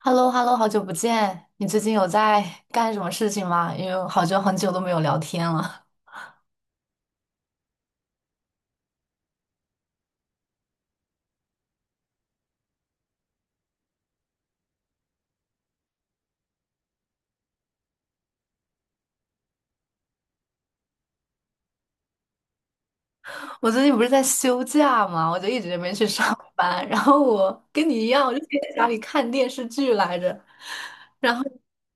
h e l l o h e l l o 好久不见！你最近有在干什么事情吗？因为好久很久都没有聊天了。我最近不是在休假嘛，我就一直没去上班。然后我跟你一样，我就天在家里看电视剧来着。然后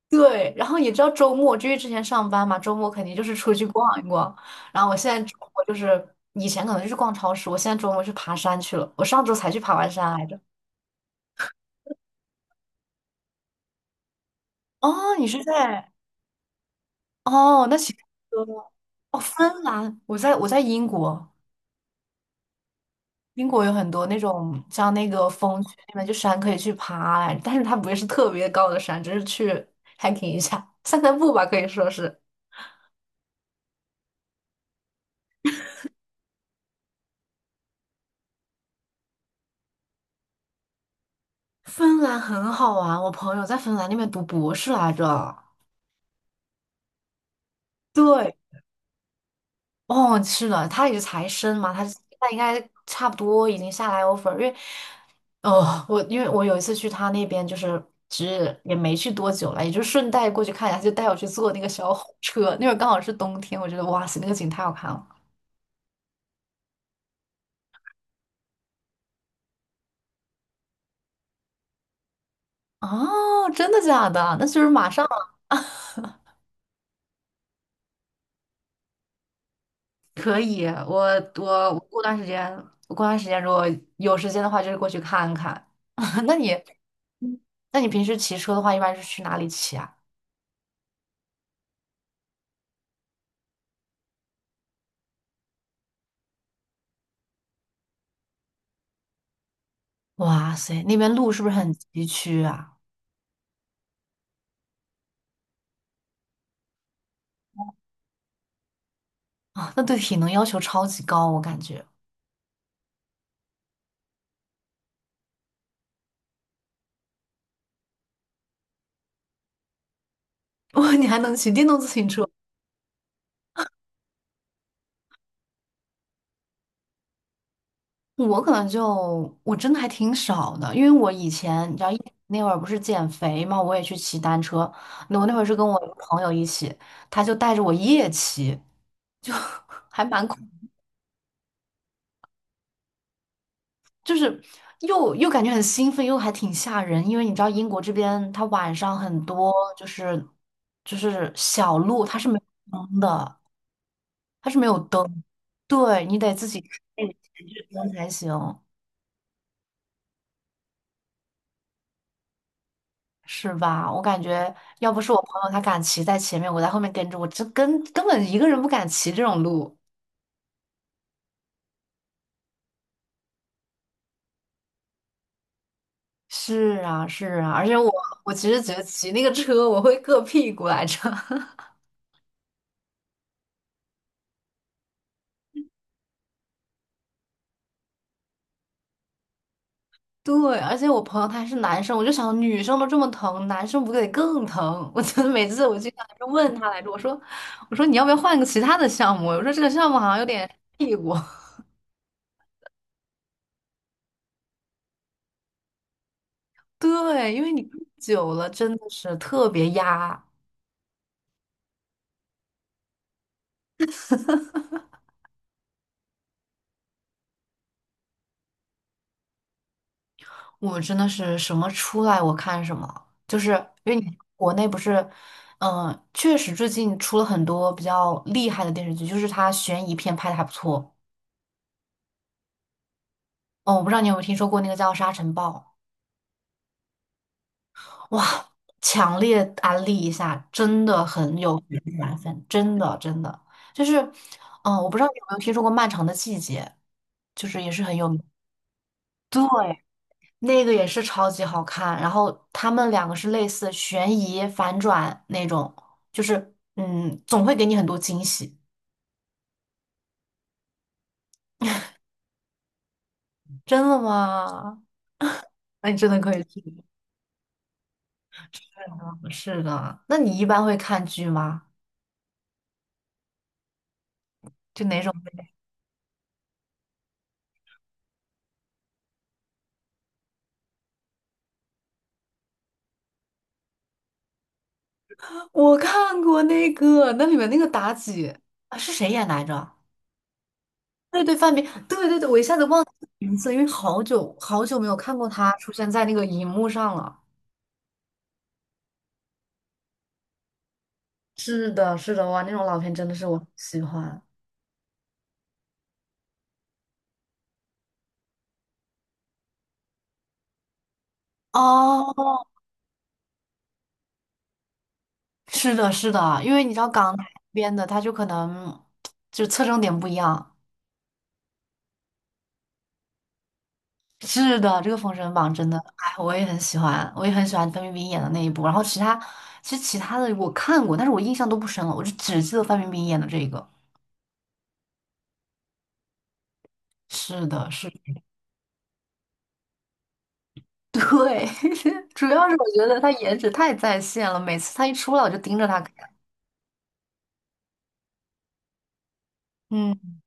对，然后你知道周末，就因为之前上班嘛，周末肯定就是出去逛一逛。然后我现在周末就是以前可能就是逛超市，我现在周末去爬山去了。我上周才去爬完山来着。哦，你是在哦，那行。哦，芬兰，我在英国，英国有很多那种像那个峰区那边就山可以去爬来，但是它不会是特别高的山，只是去 hiking 一下，散散步吧，可以说是。芬兰很好玩，我朋友在芬兰那边读博士来着。对，哦，是的，他也是才生嘛，他他应该差不多已经下来 offer,因为，哦，我因为我有一次去他那边，就是其实也没去多久了，也就顺带过去看一下，他就带我去坐那个小火车，那会儿刚好是冬天，我觉得哇塞，那个景太好看了。哦，真的假的？那就是马上了。 可以，我我过段时间，我过段时间如果有时间的话，就是过去看看。那你，那你平时骑车的话，一般是去哪里骑啊？哇塞，那边路是不是很崎岖啊？啊，那对体能要求超级高，我感觉。哇，你还能骑电动自行车？我可能就我真的还挺少的，因为我以前你知道一那会儿不是减肥嘛，我也去骑单车。那我那会儿是跟我一个朋友一起，他就带着我夜骑，就 还蛮恐，就是又感觉很兴奋，又还挺吓人。因为你知道英国这边它晚上很多就是就是小路它是没有灯的。它是没有灯，对，你得自己开一只灯才行，是吧？我感觉要不是我朋友他敢骑在前面，我在后面跟着，我这根本一个人不敢骑这种路。是啊，是啊，而且我其实觉得骑那个车我会硌屁股来着。对，而且我朋友他还是男生，我就想女生都这么疼，男生不得更疼？我真的每次我经常就问他来着，我说你要不要换个其他的项目？我说这个项目好像有点屁股。对，因为你看久了真的是特别压，我真的是什么出来我看什么，就是因为你国内不是，嗯、确实最近出了很多比较厉害的电视剧，就是它悬疑片拍的还不错。哦，我不知道你有没有听说过那个叫《沙尘暴》，哇，强烈安利一下，真的很有悬疑分，真的真的就是，嗯、我不知道你有没有听说过《漫长的季节》，就是也是很有名。对，那个也是超级好看，然后他们两个是类似悬疑反转那种，就是嗯，总会给你很多惊喜。真的吗？那你真的可以去吗？是的，那你一般会看剧吗？就哪种？我看过那个，那里面那个妲己啊，是谁演来着？对对，范冰，对对对，我一下子忘记名字，因为好久好久没有看过她出现在那个荧幕上了。是的，是的，哇，那种老片真的是我很喜欢。哦，是的，是的，因为你知道港台那边的，他就可能就侧重点不一样。是的，这个《封神榜》真的，哎，我也很喜欢，我也很喜欢范冰冰演的那一部。然后其他，其实其他的我看过，但是我印象都不深了，我就只记得范冰冰演的这个。是的，是的，对，主要是我觉得她颜值太在线了，每次她一出来我就盯着她看。嗯，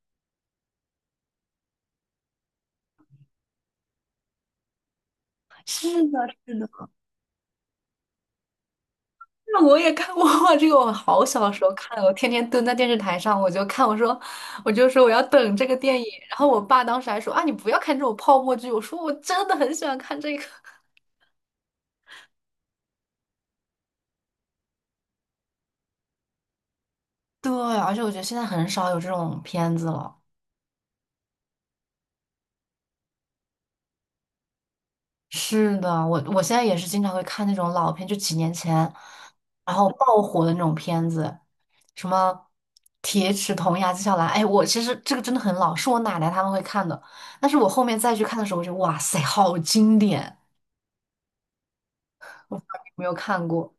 是的，是的。那我也看过哇，这个我好小的时候看的，我天天蹲在电视台上，我就看，我说，我就说我要等这个电影，然后我爸当时还说啊，你不要看这种泡沫剧，我说我真的很喜欢看这个。对，而且我觉得现在很少有这种片子了。是的，我现在也是经常会看那种老片，就几年前，然后爆火的那种片子，什么《铁齿铜牙纪晓岚》。哎，我其实这个真的很老，是我奶奶他们会看的，但是我后面再去看的时候，我就哇塞，好经典。我不知道你有没有看过，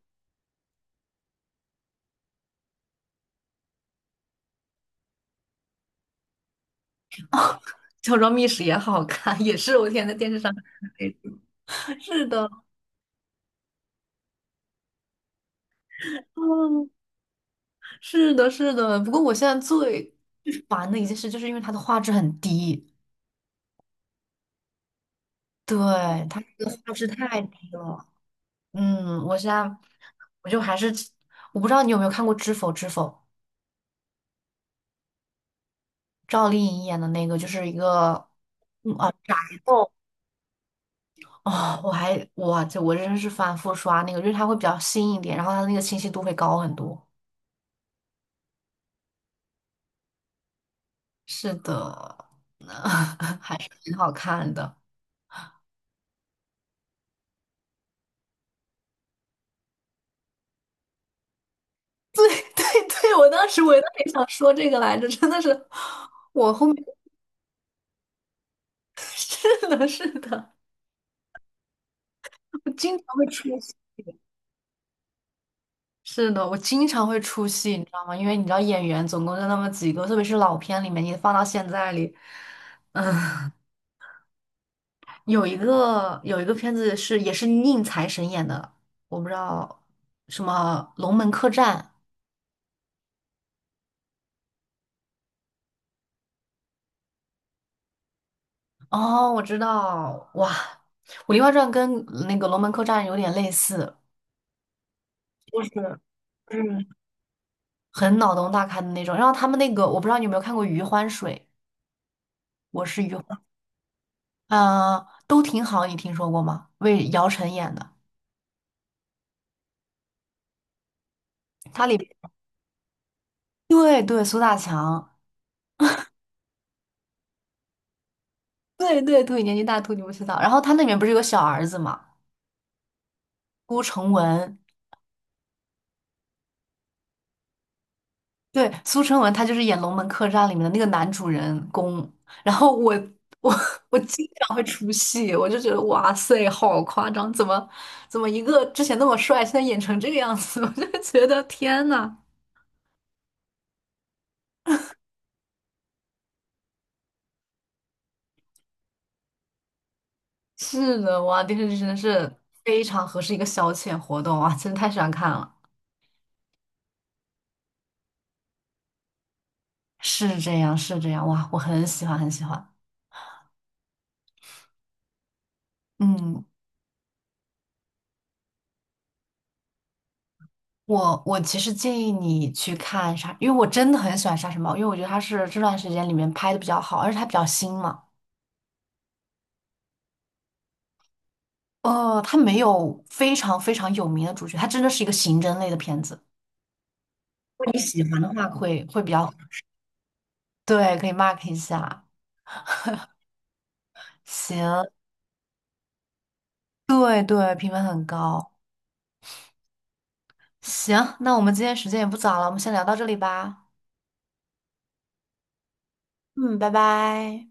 《乔装密史》，也好看，也是我天天在电视上看的那种。是的，嗯，是的，是的。不过我现在最烦的一件事，就是因为它的画质很低，对，它这个画质太低了。嗯，我现在我就还是我不知道你有没有看过《知否知否》，赵丽颖演的那个，就是一个嗯啊宅斗。哦，我还我这我真是反复刷那个，因为它会比较新一点，然后它的那个清晰度会高很多。是的，那 还是挺好看的。对对，我当时我也特也想说这个来着，真的是，我后面 是的，是的，我经常会出戏。是的，我经常会出戏，你知道吗？因为你知道演员总共就那么几个，特别是老片里面，你放到现在里，嗯，有一个片子是也是宁财神演的，我不知道什么《龙门客栈》，哦，我知道，哇，《武林外传》跟那个《龙门客栈》有点类似，就是嗯，很脑洞大开的那种。然后他们那个，我不知道你有没有看过《余欢水》，我是余欢，呃，都挺好，你听说过吗？为姚晨演的，他里边对对苏大强，对对对，年纪大秃你不知道。然后他那里面不是有个小儿子嘛，顾成文，对，苏春文他就是演《龙门客栈》里面的那个男主人公，然后我 我经常会出戏，我就觉得哇塞，好夸张，怎么一个之前那么帅，现在演成这个样子，我就觉得天呐，是的，哇，电视剧真的是非常合适一个消遣活动哇，真的太喜欢看了，是这样是这样，哇，我很喜欢很喜欢，嗯。我其实建议你去看杀，因为我真的很喜欢《杀神堡》，因为我觉得它是这段时间里面拍的比较好，而且它比较新嘛。哦，它没有非常非常有名的主角，它真的是一个刑侦类的片子。如果你喜欢的话会，会比较对，可以 mark 一下。行，对对，评分很高。行，那我们今天时间也不早了，我们先聊到这里吧。嗯，拜拜。